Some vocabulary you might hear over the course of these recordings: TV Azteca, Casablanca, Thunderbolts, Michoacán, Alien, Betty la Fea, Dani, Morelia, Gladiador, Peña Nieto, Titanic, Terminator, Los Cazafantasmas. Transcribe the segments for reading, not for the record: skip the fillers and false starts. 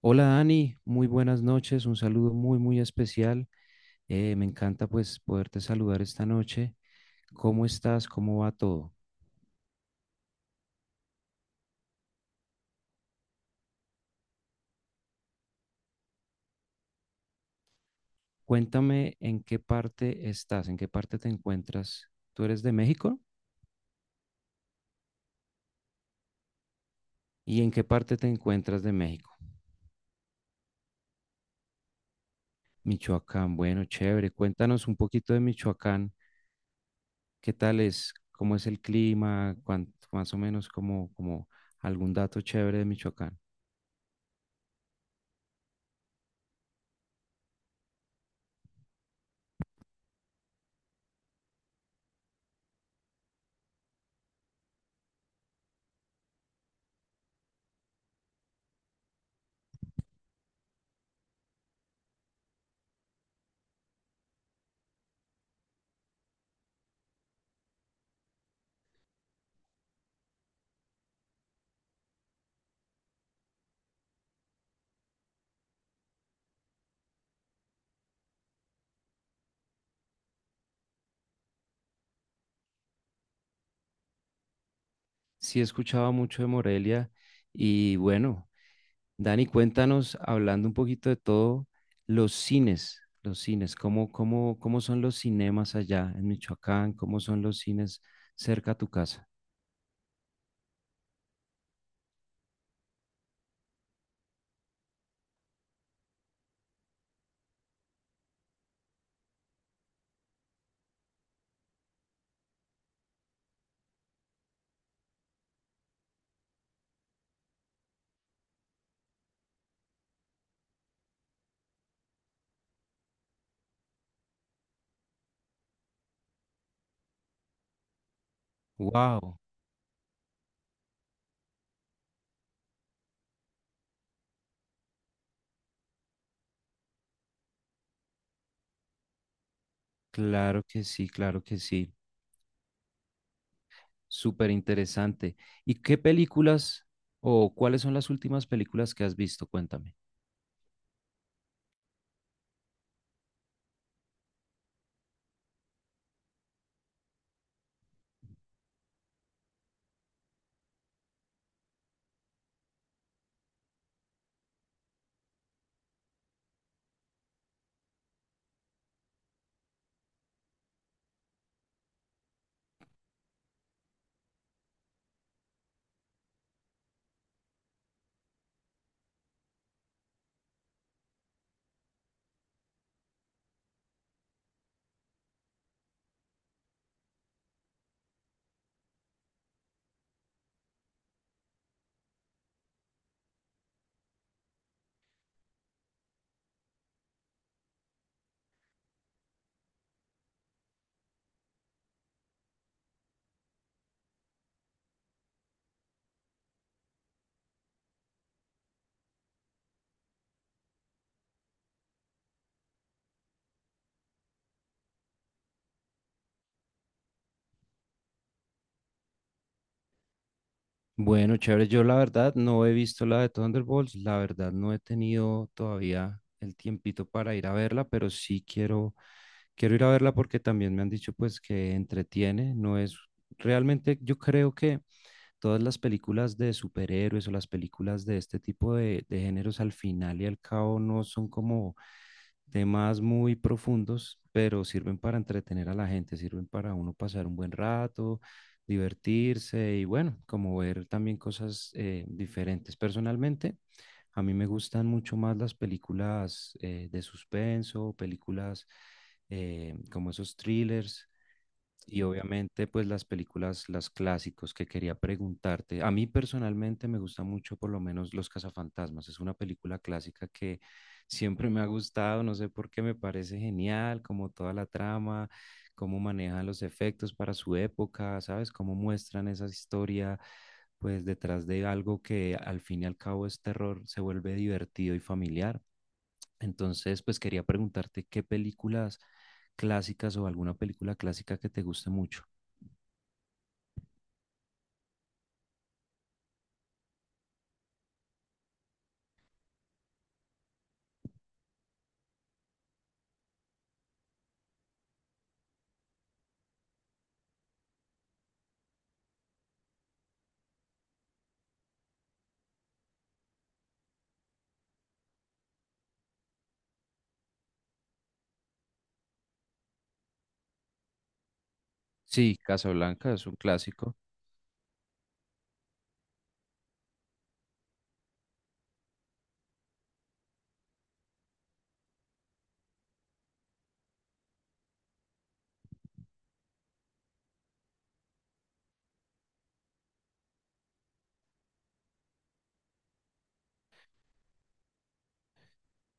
Hola Dani, muy buenas noches, un saludo muy muy especial. Me encanta pues poderte saludar esta noche. ¿Cómo estás? ¿Cómo va todo? Cuéntame en qué parte estás, en qué parte te encuentras. ¿Tú eres de México? ¿Y en qué parte te encuentras de México? Michoacán, bueno, chévere. Cuéntanos un poquito de Michoacán. ¿Qué tal es? ¿Cómo es el clima? Más o menos como algún dato chévere de Michoacán. Sí, he escuchado mucho de Morelia y bueno. Dani, cuéntanos, hablando un poquito de todo, los cines, ¿cómo son los cinemas allá en Michoacán? ¿Cómo son los cines cerca a tu casa? Wow, claro que sí, súper interesante. ¿Y qué películas o cuáles son las últimas películas que has visto? Cuéntame. Bueno, chévere, yo la verdad no he visto la de Thunderbolts, la verdad no he tenido todavía el tiempito para ir a verla, pero sí quiero Quiero ir a verla porque también me han dicho pues que entretiene, no es realmente yo creo que todas las películas de superhéroes o las películas de este tipo de géneros al final y al cabo no son como temas muy profundos, pero sirven para entretener a la gente, sirven para uno pasar un buen rato, divertirse y bueno, como ver también cosas diferentes. Personalmente, a mí me gustan mucho más las películas de suspenso, películas como esos thrillers y obviamente, pues las películas, las clásicos que quería preguntarte. A mí personalmente me gusta mucho, por lo menos, Los Cazafantasmas. Es una película clásica que siempre me ha gustado. No sé por qué me parece genial, como toda la trama, cómo manejan los efectos para su época, ¿sabes? Cómo muestran esa historia, pues detrás de algo que al fin y al cabo es terror, se vuelve divertido y familiar. Entonces, pues quería preguntarte qué películas clásicas o alguna película clásica que te guste mucho. Sí, Casablanca es un clásico.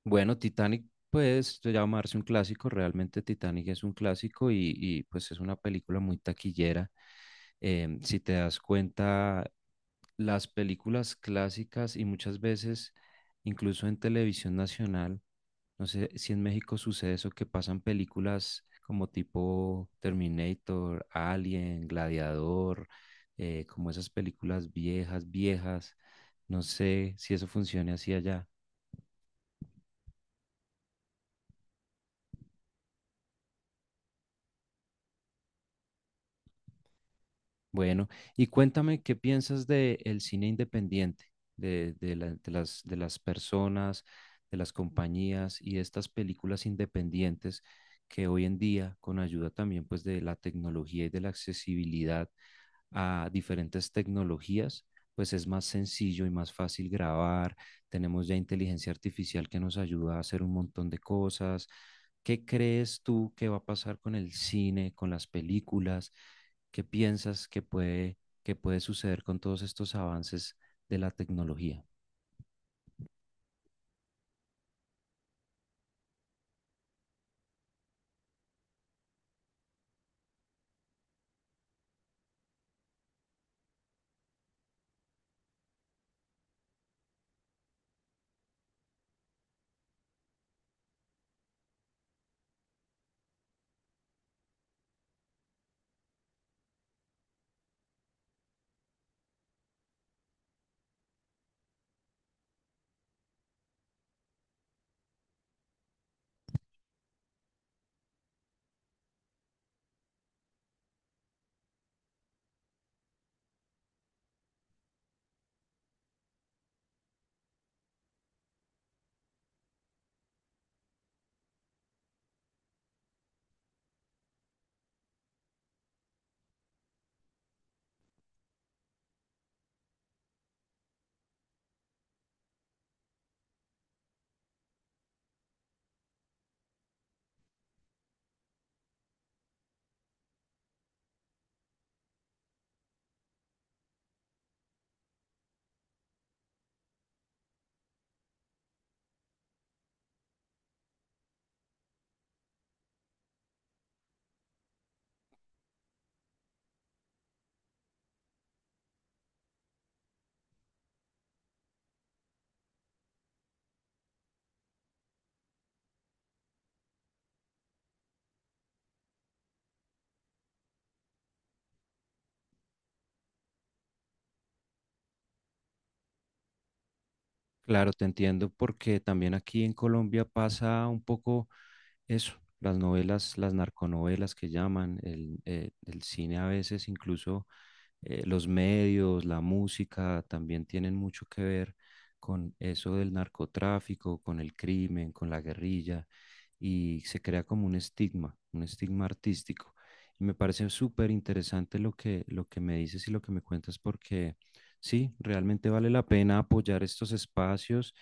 Bueno, Titanic puede llamarse un clásico, realmente Titanic es un clásico y pues es una película muy taquillera. Em, si te das cuenta, las películas clásicas y muchas veces, incluso en televisión nacional, no sé si en México sucede eso, que pasan películas como tipo Terminator, Alien, Gladiador, como esas películas viejas, viejas. No sé si eso funcione así allá. Bueno, y cuéntame qué piensas del cine independiente, de las personas, de las compañías y de estas películas independientes que hoy en día, con ayuda también pues de la tecnología y de la accesibilidad a diferentes tecnologías, pues es más sencillo y más fácil grabar. Tenemos ya inteligencia artificial que nos ayuda a hacer un montón de cosas. ¿Qué crees tú que va a pasar con el cine, con las películas? ¿Qué piensas que puede suceder con todos estos avances de la tecnología? Claro, te entiendo, porque también aquí en Colombia pasa un poco eso, las novelas, las narconovelas que llaman, el cine a veces incluso los medios, la música también tienen mucho que ver con eso del narcotráfico, con el crimen, con la guerrilla, y se crea como un estigma artístico. Y me parece súper interesante lo que me dices y lo que me cuentas, porque sí, realmente vale la pena apoyar estos espacios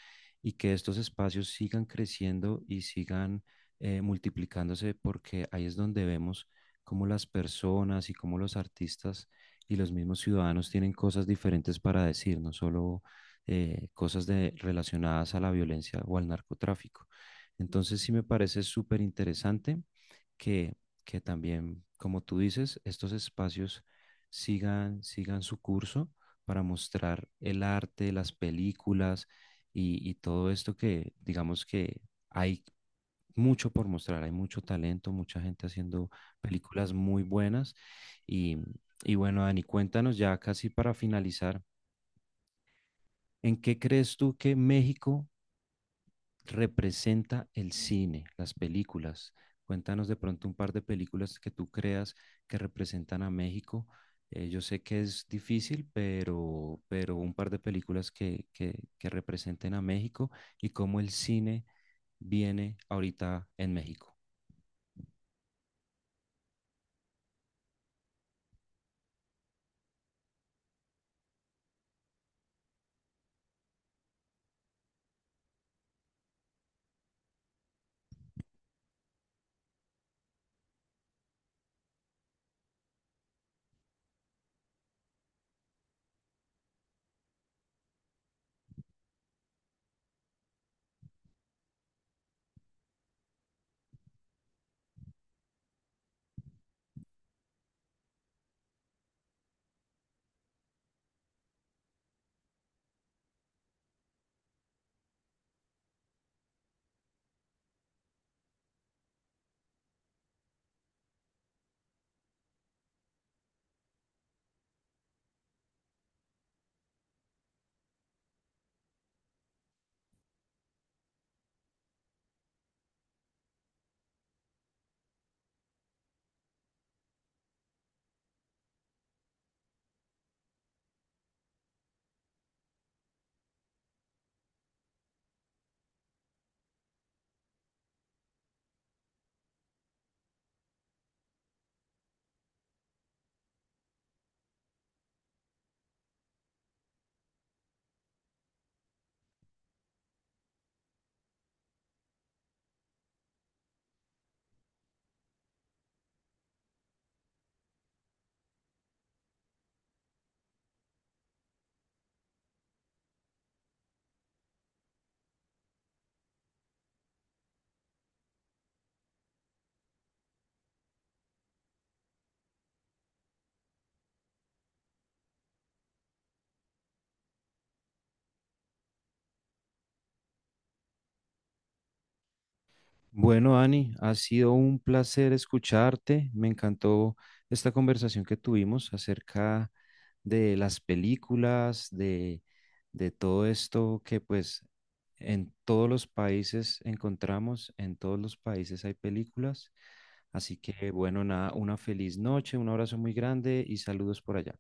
y que estos espacios sigan creciendo y sigan multiplicándose, porque ahí es donde vemos cómo las personas y cómo los artistas y los mismos ciudadanos tienen cosas diferentes para decir, no solo cosas de, relacionadas a la violencia o al narcotráfico. Entonces sí me parece súper interesante que, que también, como tú dices, estos espacios sigan su curso para mostrar el arte, las películas y todo esto que digamos que hay mucho por mostrar, hay mucho talento, mucha gente haciendo películas muy buenas. Y, y bueno, Dani, cuéntanos ya casi para finalizar, ¿en qué crees tú que México representa el cine, las películas? Cuéntanos de pronto un par de películas que tú creas que representan a México. Yo sé que es difícil, pero un par de películas que representen a México y cómo el cine viene ahorita en México. Bueno, Ani, ha sido un placer escucharte. Me encantó esta conversación que tuvimos acerca de las películas, de todo esto que pues en todos los países encontramos, en todos los países hay películas. Así que bueno, nada, una feliz noche, un abrazo muy grande y saludos por allá.